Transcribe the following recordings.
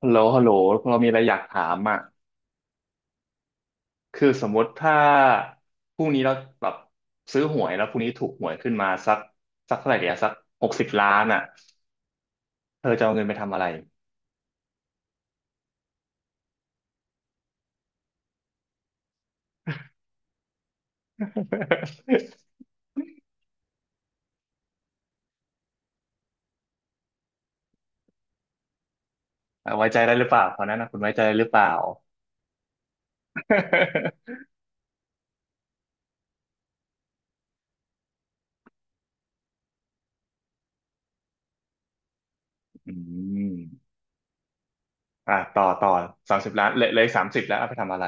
ฮัลโหลฮัลโหลเรามีอะไรอยากถามอ่ะคือสมมติถ้าพรุ่งนี้เราแบบซื้อหวยแล้วพรุ่งนี้ถูกหวยขึ้นมาสักเท่าไหร่เดียวสัก60,000,000อ่ะเธอจะเอาเงินไปทำอะไร อ่ะ ไว้ใจได้หรือเปล่าตอนนั้นนะคุณไว้ใจได้หรือเปล่า อืมอ่ะต่อ30,000,000เหลยเลยสามสิบแล้วเอาไปทำอะไร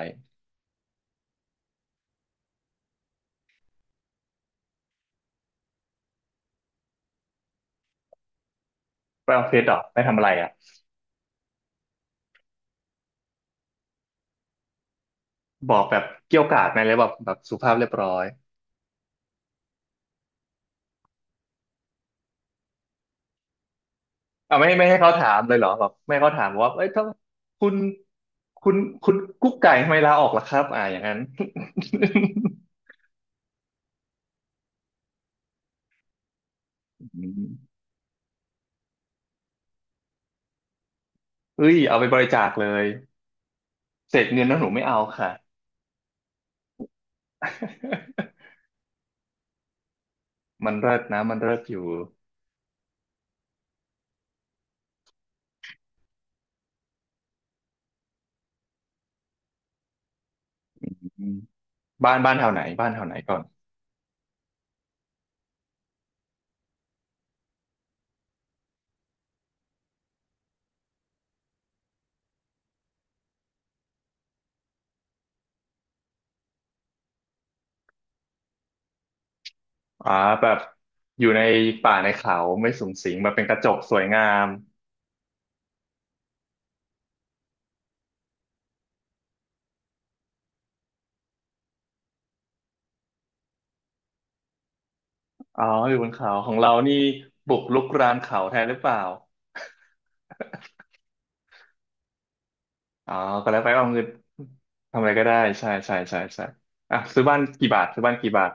ไปออฟฟิศเหรอไปทำอะไรอ่ะบอกแบบเกรี้ยวกราดไหมเลยแบบแบบสุภาพเรียบร้อย เอาไม่ให้เขาถามเลยเหรอแบบไม่ให้เขาถามว่าเอ้ยถ้าคุณคุณคุณกุ๊กไก่ทำไมลาออกล่ะครับอ่าอย่างนั้น อืมเอ้ยเอาไปบริจาคเลยเศษเงินนะหนูไม่เอาค่ะ มันเลิศนะมันเลิศอยู่อืมบ้านบ้านแถวไหนบ้านแถวไหนก่อนอ่าแบบอยู่ในป่าในเขาไม่สุงสิงแบบเป็นกระจกสวยงามอ๋ออยู่บนเขาของเรานี่บุกรุกรานเขาแทนหรือเปล่า อ๋อก็แล้วไปเอาเงินทำอะไรก็ได้ใช่ใช่ใช่ใช่อ่ะซื้อบ้านกี่บาทซื้อบ้านกี่บาท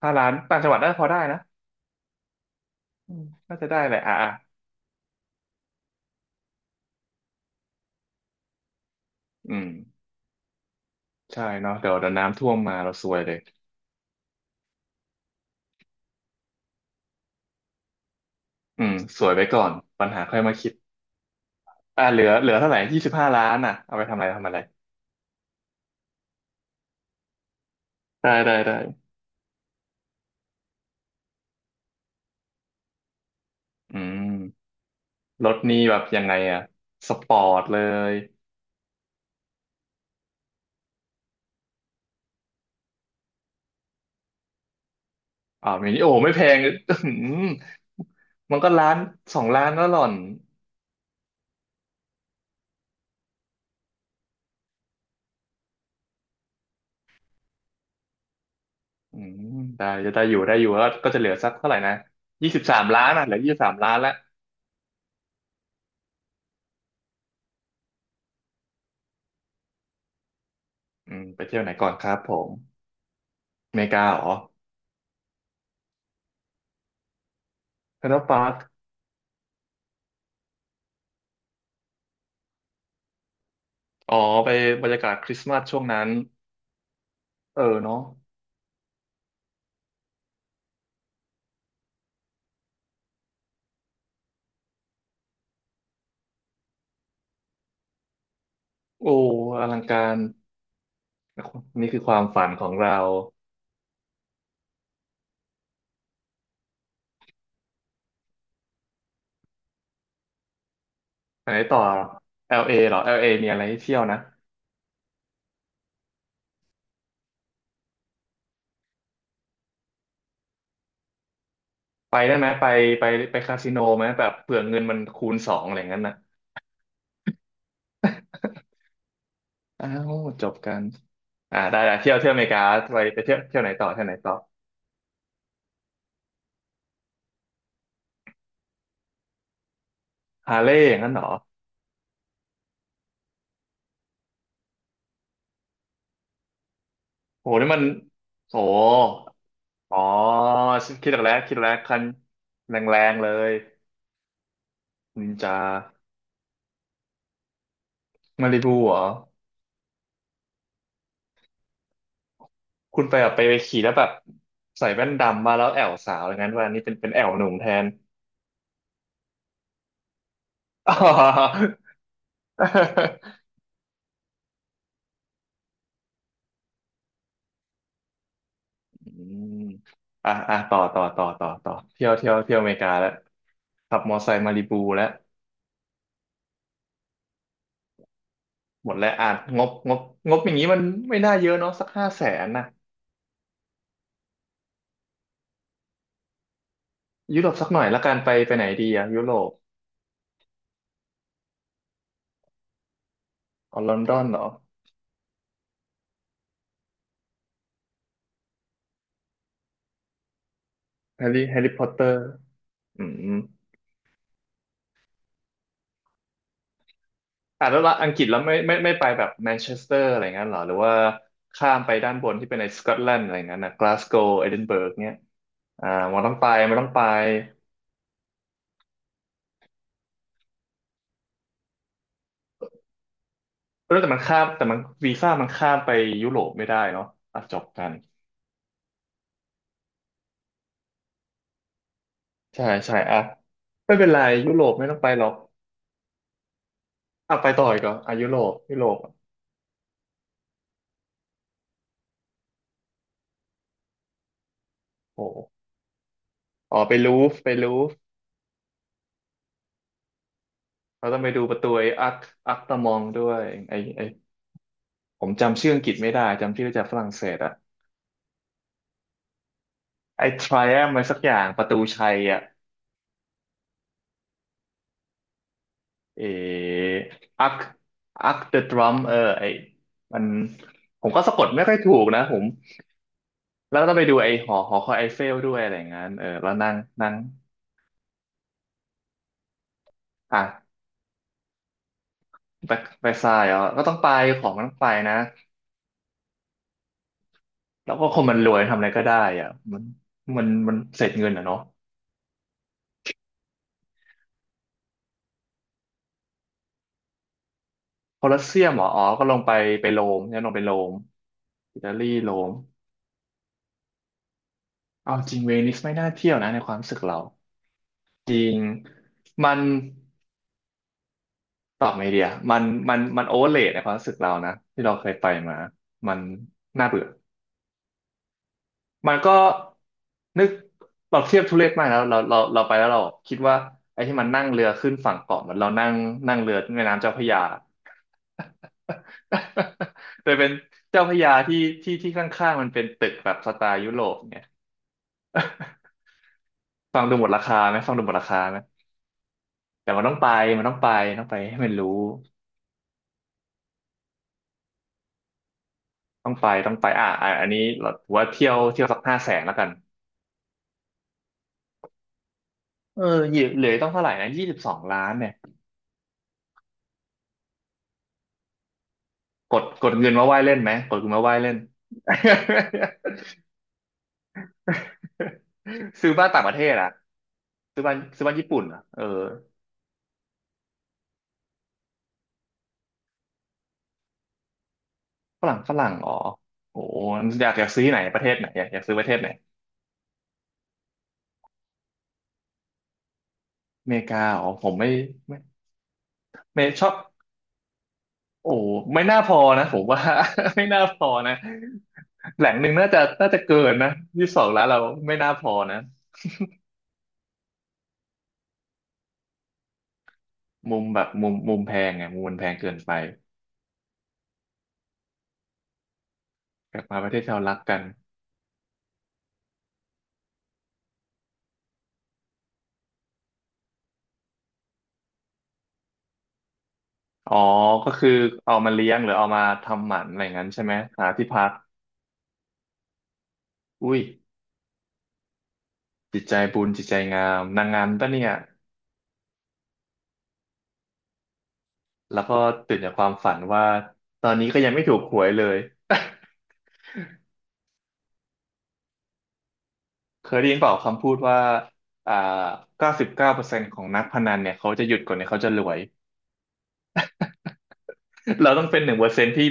ถ้าล้านต่างจังหวัดน่าจะพอได้นะอืมน่าจะได้แหละอ่ะอ่ะอืมใช่เนาะเดี๋ยวเดี๋ยวน้ำท่วมมาเราซวยเลยอืมสวยไปก่อนปัญหาค่อยมาคิดอ่ะเหลือเหลือเท่าไหร่25,000,000อ่ะเอาไปทำอะไรทำอะไรได้ได้ได้อืมรถนี่แบบยังไงอ่ะสปอร์ตเลยอ่ามินิโอไม่แพง อื้อหือมันก็ล้านสองล้านแล้วหล่อน อืมได้จะได้อยู่ได้อยู่แล้วก็จะเหลือสักเท่าไหร่นะยี่สิบสามล้านอ่ะเหลือยี่สิบสามล้านแล้วอืมไปเที่ยวไหนก่อนครับผมอเมริกาเหรอแคนาดาปาร์คอ๋อไปบรรยากาศคริสต์มาสช่วงนั้นเออเนาะโอ้อลังการนี่คือความฝันของเราไไหนต่อ LA เอเหรอ LA มีอะไรให้เที่ยวนะไปได้ไหมไปไปไปคาสิโนไหมแบบเผื่อเงินมันคูณสองอะไรอย่างนั้นนะอ้าวจบกันอ่าได้ได้เที่ยวเที่ยวอเมริกาไปไปเที่ยวเที่ยวไหนต่อเที่ยวไหนต่อฮาร์เลย์งนั้นเหรอ โหนี่มันโหอ๋อคิดออกแล้วคิดแล้วคันแรงๆเลยนินจามาริบูเหรอคุณไปแบบไปไปขี่แล้วแบบใส่แว่นดำมาแล้วแอวสาวอย่างนั้นว่านี่เป็นเป็นแอวหนุ่มแทน อ๋ออืมอ่ะอ่ะต่อต่อต่อต่อต่อเที่ยวเที่ยวเที่ยวอเมริกาแล้วขับมอไซค์มาริบูแล้วหมดแล้วอ่ะงบงบงบอย่างนี้มันไม่น่าเยอะเนาะสักห้าแสนนะยุโรปสักหน่อยละกันไปไปไหนดีอะยุโรปเอาลอนดอนเหรอ แฮร์รี่แฮร์รี่พอตเตอร์อืมอ่ะแล้วละอังกฤษแล้วไม่ไปแบบแมนเชสเตอร์อะไรเงี้ยเหรอหรือว่าข้ามไปด้านบนที่เป็นในสกอตแลนด์อะไรเงี้ยนะกลาสโกว์เอดินเบิร์กเนี้ยอ่ามันต้องไปมันต้องไปเออแต่มันข้ามแต่มันวีซ่ามันข้ามไปยุโรปไม่ได้เนาะอ่ะจบกัน ใช่ใช่อ่ะไม่เป็นไรยุโรปไม่ต้องไปหรอกอ่ะไปต่ออีกเหรออ่ะยุโรปยุโรปอ่ะโอ้โหอ๋อไปลูฟไปลูฟ เราต้องไปดูประตูไอ้อัคอัคตามองด้วยไอ้ไอ้ ผมจำชื่ออังกฤษไม่ได้จำชื่อจากฝรั่งเศสอะไอ้ Triumph อะไรสักอย่างประตูชัยอะเออักอักเดอะดรัมเออไอ้มันผมก็สะกดไม่ค่อยถูกนะผมแล้วก็ต้องไปดูไอ้หอหอคอยไอเฟลด้วยอะไรอย่างนั้นเออแล้วนั่งนั่งอ่ะไปไปทรายอ่ะก็ต้องไปของมันต้องไปนะแล้วก็คนมันรวยทำอะไรก็ได้อ่ะมันเสร็จเงินอ่ะเนาะโคลอสเซียมเหรออ๋อก็ลงไปไปโรมเนี่ยลงไปโรมอิตาลีโรม เอาจริงเวนิสไม่น่าเที่ยวนะในความรู้สึกเราจริงมันตอบไม่เดียมันโอเวอร์เลในความรู้สึกเรานะที่เราเคยไปมามันน่าเบื่อมันก็นึกเราเทียบทุเรศมากแล้วเราไปแล้วเราคิดว่าไอ้ที่มันนั่งเรือขึ้นฝั่งเกาะเหมือนเรานั่งนั่งเรือแม่น้ำเจ้าพระยา แต่เป็นเจ้าพระยาที่ข้างๆมันเป็นตึกแบบสไตล์ยุโรปเนี่ย ฟังดูหมดราคาไหมฟังดูหมดราคาไหมแต่มันต้องไปมันต้องไปต้องไปให้มันรู้ ต้องไปต้องไปอ่ะอ่ะอันนี้เราถือว่าเที่ยวเที่ยวสักห้าแสนแล้วกันเออเหลือเหลือต้องเท่าไหร่นะยี่สิบสองล้านเนี่ยกดกดเงินมาไหว้เล่นไหมกดเงินมาไหว้เล่น ซื้อบ้านต่างประเทศอ่ะซื้อบ้านซื้อบ้านญี่ปุ่นอ่ะเออฝรั่งฝรั่งอ๋อโอ้โหอยากอยากซื้อที่ไหนประเทศไหนอยากอยากซื้อประเทศไหนอเมริกาอ๋อผมไม่ไม่ไม่ชอบโอ้โหไม่น่าพอนะผมว่า ไม่น่าพอนะแหล่งหนึ่งน่าจะน่าจะเกินนะยี่สิบสองล้านเราไม่น่าพอนะ มุมแบบมุมมุมแพงไงมุมมันแพงเกินไปกลับมาประเทศที่เรารักกันอ๋อก็คือเอามาเลี้ยงหรือเอามาทำหมันอะไรงั้นใช่ไหมหาที่พักอุ้ยจิตใจบุญจิตใจงามนางงามปะเนี่ยแล้วก็ตื่นจากความฝันว่าตอนนี้ก็ยังไม่ถูกหวยเลย เคยได้ยินเปล่าคำพูดว่าอ่า99%ของนักพนันเนี่ยเขาจะหยุดก่อนเนี่ยเขาจะรวย เราต้องเป็น1%ที่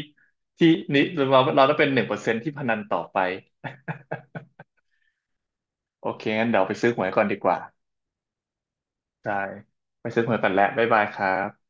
ที่นี่เราต้องเป็นหนึ่งเปอร์เซ็นต์ที่พนันต่อไป โอเคงั้นเดี๋ยวไปซื้อหวยก่อนดีกว่าได้ไปซื้อหวยก่อนแหล้วบ๊ายบายครับ